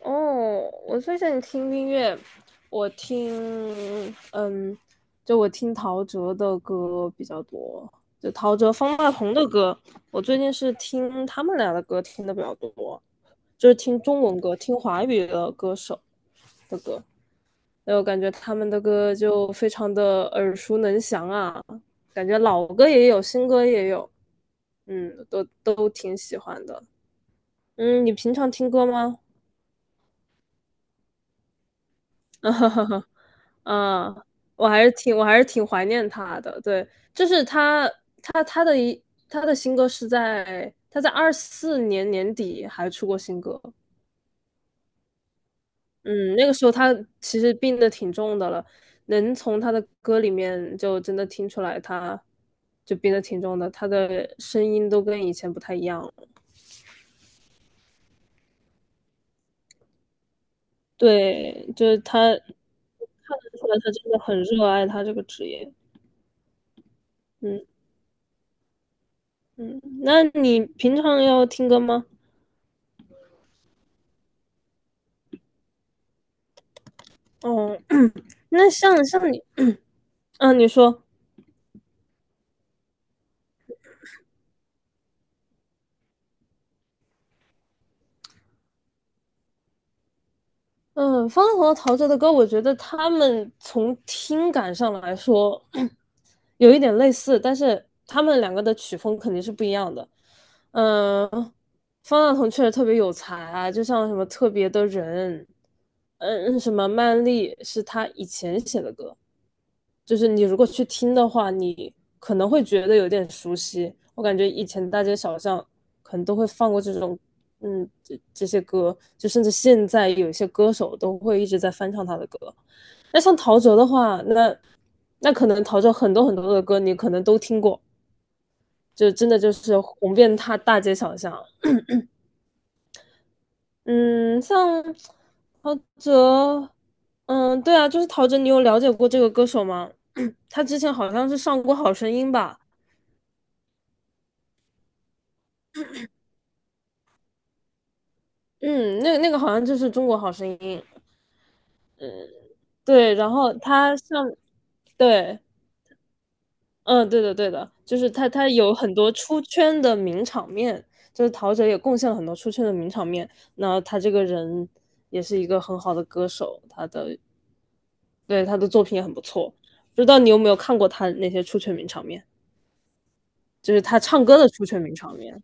哦，我最近听音乐，我听，嗯，就我听陶喆的歌比较多，就陶喆、方大同的歌，我最近是听他们俩的歌听的比较多，就是听中文歌，听华语的歌手的歌，然后感觉他们的歌就非常的耳熟能详啊，感觉老歌也有，新歌也有，都挺喜欢的。嗯，你平常听歌吗？啊，哈哈，啊，我还是挺怀念他的。对，就是他他的一他的新歌是在他在二四年年底还出过新歌。嗯，那个时候他其实病得挺重的了，能从他的歌里面就真的听出来他就病得挺重的，他的声音都跟以前不太一样了。对，就是他看得出来他真的很热爱他这个职业。嗯嗯，那你平常要听歌吗？哦，嗯那像你，嗯，啊你说，嗯，方大同和陶喆的歌，我觉得他们从听感上来说有一点类似，但是他们两个的曲风肯定是不一样的。嗯，方大同确实特别有才啊，就像什么特别的人，嗯，什么曼丽是他以前写的歌，就是你如果去听的话，你可能会觉得有点熟悉。我感觉以前大街小巷可能都会放过这种，嗯，这些歌，就甚至现在有一些歌手都会一直在翻唱他的歌。那像陶喆的话，那可能陶喆很多的歌你可能都听过，就真的就是红遍他大街小巷。嗯，像陶喆，嗯，对啊，就是陶喆，你有了解过这个歌手吗？他之前好像是上过《好声音》吧，嗯，那个好像就是《中国好声音》，对，然后他上，对，嗯，对的，对的，就是他有很多出圈的名场面，就是陶喆也贡献了很多出圈的名场面。那他这个人也是一个很好的歌手，对他的作品也很不错。不知道你有没有看过他那些出圈名场面，就是他唱歌的出圈名场面，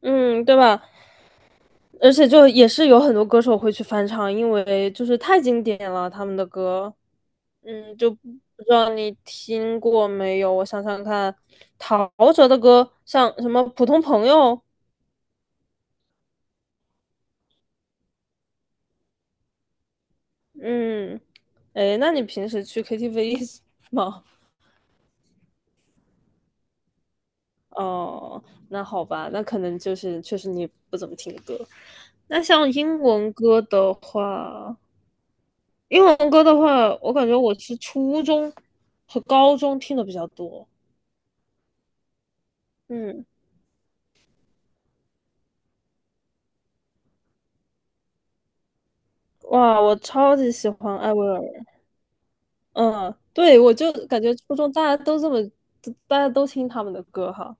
嗯，对吧？而且就也是有很多歌手会去翻唱，因为就是太经典了，他们的歌。嗯，就不知道你听过没有？我想想看，陶喆的歌，像什么《普通朋友》，嗯，哎，那你平时去 KTV 吗？哦，那好吧，那可能就是确实你不怎么听歌。那像英文歌的话，英文歌的话，我感觉我是初中和高中听的比较多。嗯，哇，我超级喜欢艾薇儿。嗯，对，我就感觉初中大家都这么，大家都听他们的歌哈。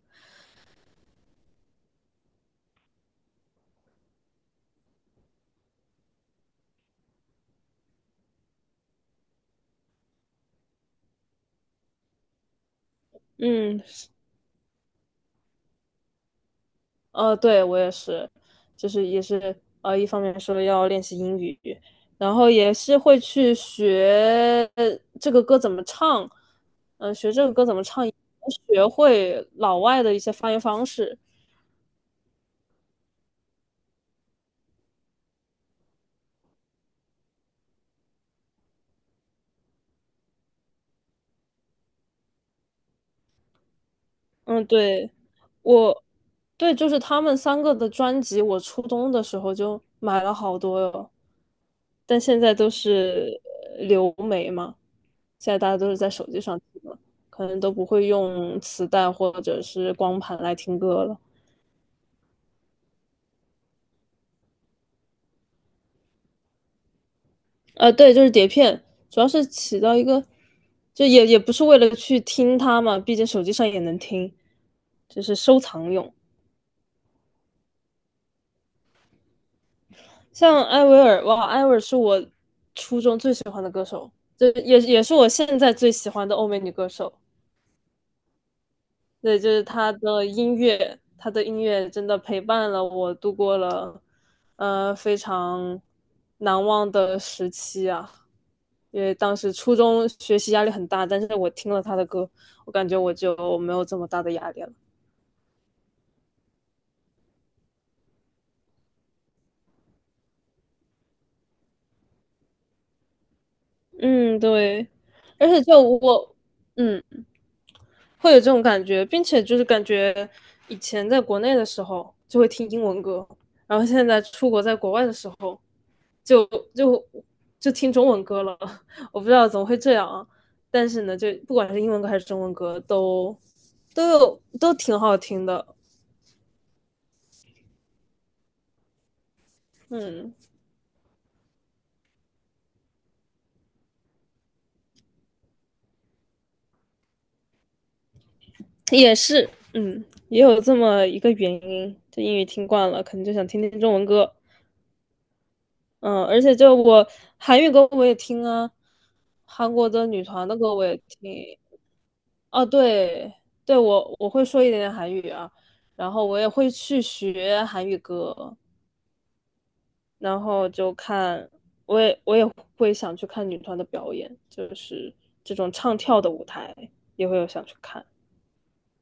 嗯对，我也是，就是也是一方面说要练习英语，然后也是会去学这个歌怎么唱，学会老外的一些发音方式。嗯，对，我，对，就是他们三个的专辑，我初中的时候就买了好多哟。但现在都是流媒嘛，现在大家都是在手机上听了，可能都不会用磁带或者是光盘来听歌了。对，就是碟片，主要是起到一个，就也不是为了去听它嘛，毕竟手机上也能听，就是收藏用。像艾薇儿，哇，艾薇儿是我初中最喜欢的歌手，这也是我现在最喜欢的欧美女歌手。对，就是他的音乐，他的音乐真的陪伴了我度过了非常难忘的时期啊。因为当时初中学习压力很大，但是我听了他的歌，我感觉我就没有这么大的压力了。嗯，对，而且就我，嗯，会有这种感觉，并且就是感觉以前在国内的时候就会听英文歌，然后现在出国在国外的时候就就就听中文歌了。我不知道怎么会这样啊，但是呢，就不管是英文歌还是中文歌，都挺好听的。嗯，也是，嗯，也有这么一个原因，就英语听惯了，可能就想听听中文歌。嗯，而且就我韩语歌我也听啊，韩国的女团的歌我也听。哦，对对，我会说一点点韩语啊，然后我也会去学韩语歌。然后就看，我也会想去看女团的表演，就是这种唱跳的舞台也会有想去看，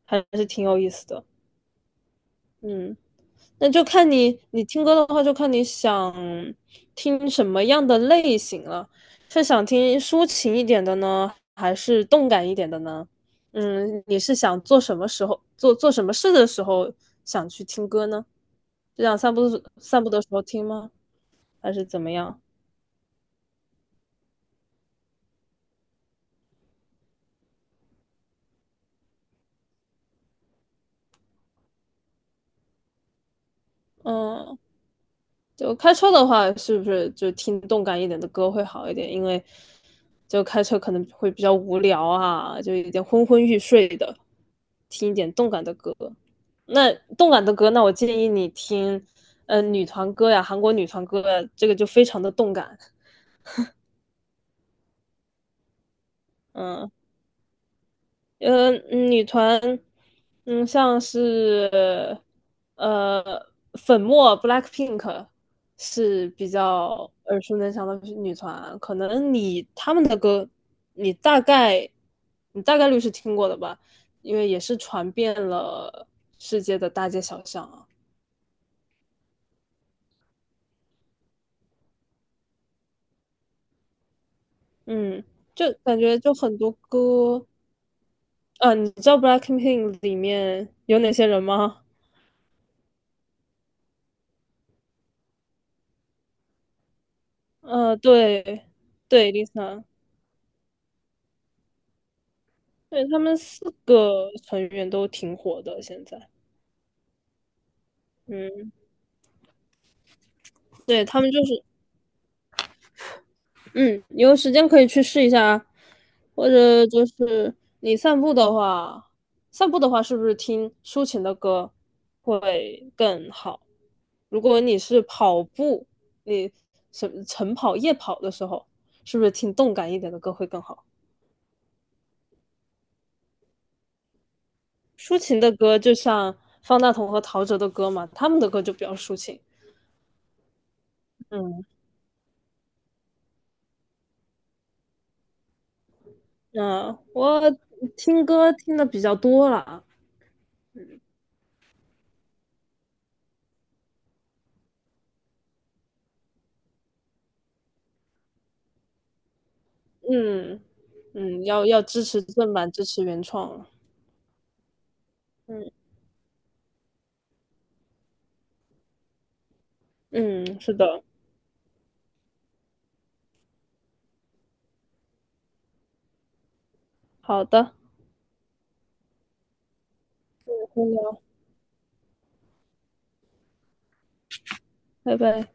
还是挺有意思的。嗯，那就看你听歌的话，就看你想听什么样的类型了，是想听抒情一点的呢，还是动感一点的呢？嗯，你是想做什么时候做做什么事的时候想去听歌呢？就想散步散步的时候听吗？还是怎么样？嗯，就开车的话，是不是就听动感一点的歌会好一点？因为就开车可能会比较无聊啊，就有点昏昏欲睡的，听一点动感的歌。那动感的歌，那我建议你听，嗯，女团歌呀，韩国女团歌呀这个就非常的动感，嗯、女团，嗯，像是呃粉末 BLACKPINK 是比较耳熟能详的女团啊，可能你他们的歌，你大概你大概率是听过的吧，因为也是传遍了世界的大街小巷啊。嗯，就感觉就很多歌，啊，你知道 BLACKPINK 里面有哪些人吗？对，对，Lisa。对，他们四个成员都挺火的，现在，嗯，对，他们就是，嗯，你有时间可以去试一下啊，或者就是你散步的话，散步的话是不是听抒情的歌会更好？如果你是跑步，你晨跑、夜跑的时候，是不是听动感一点的歌会更好？抒情的歌就像方大同和陶喆的歌嘛，他们的歌就比较抒情，嗯，嗯，我听歌听的比较多了，嗯嗯，要支持正版，支持原创，嗯嗯，是的，好的，再见了拜拜。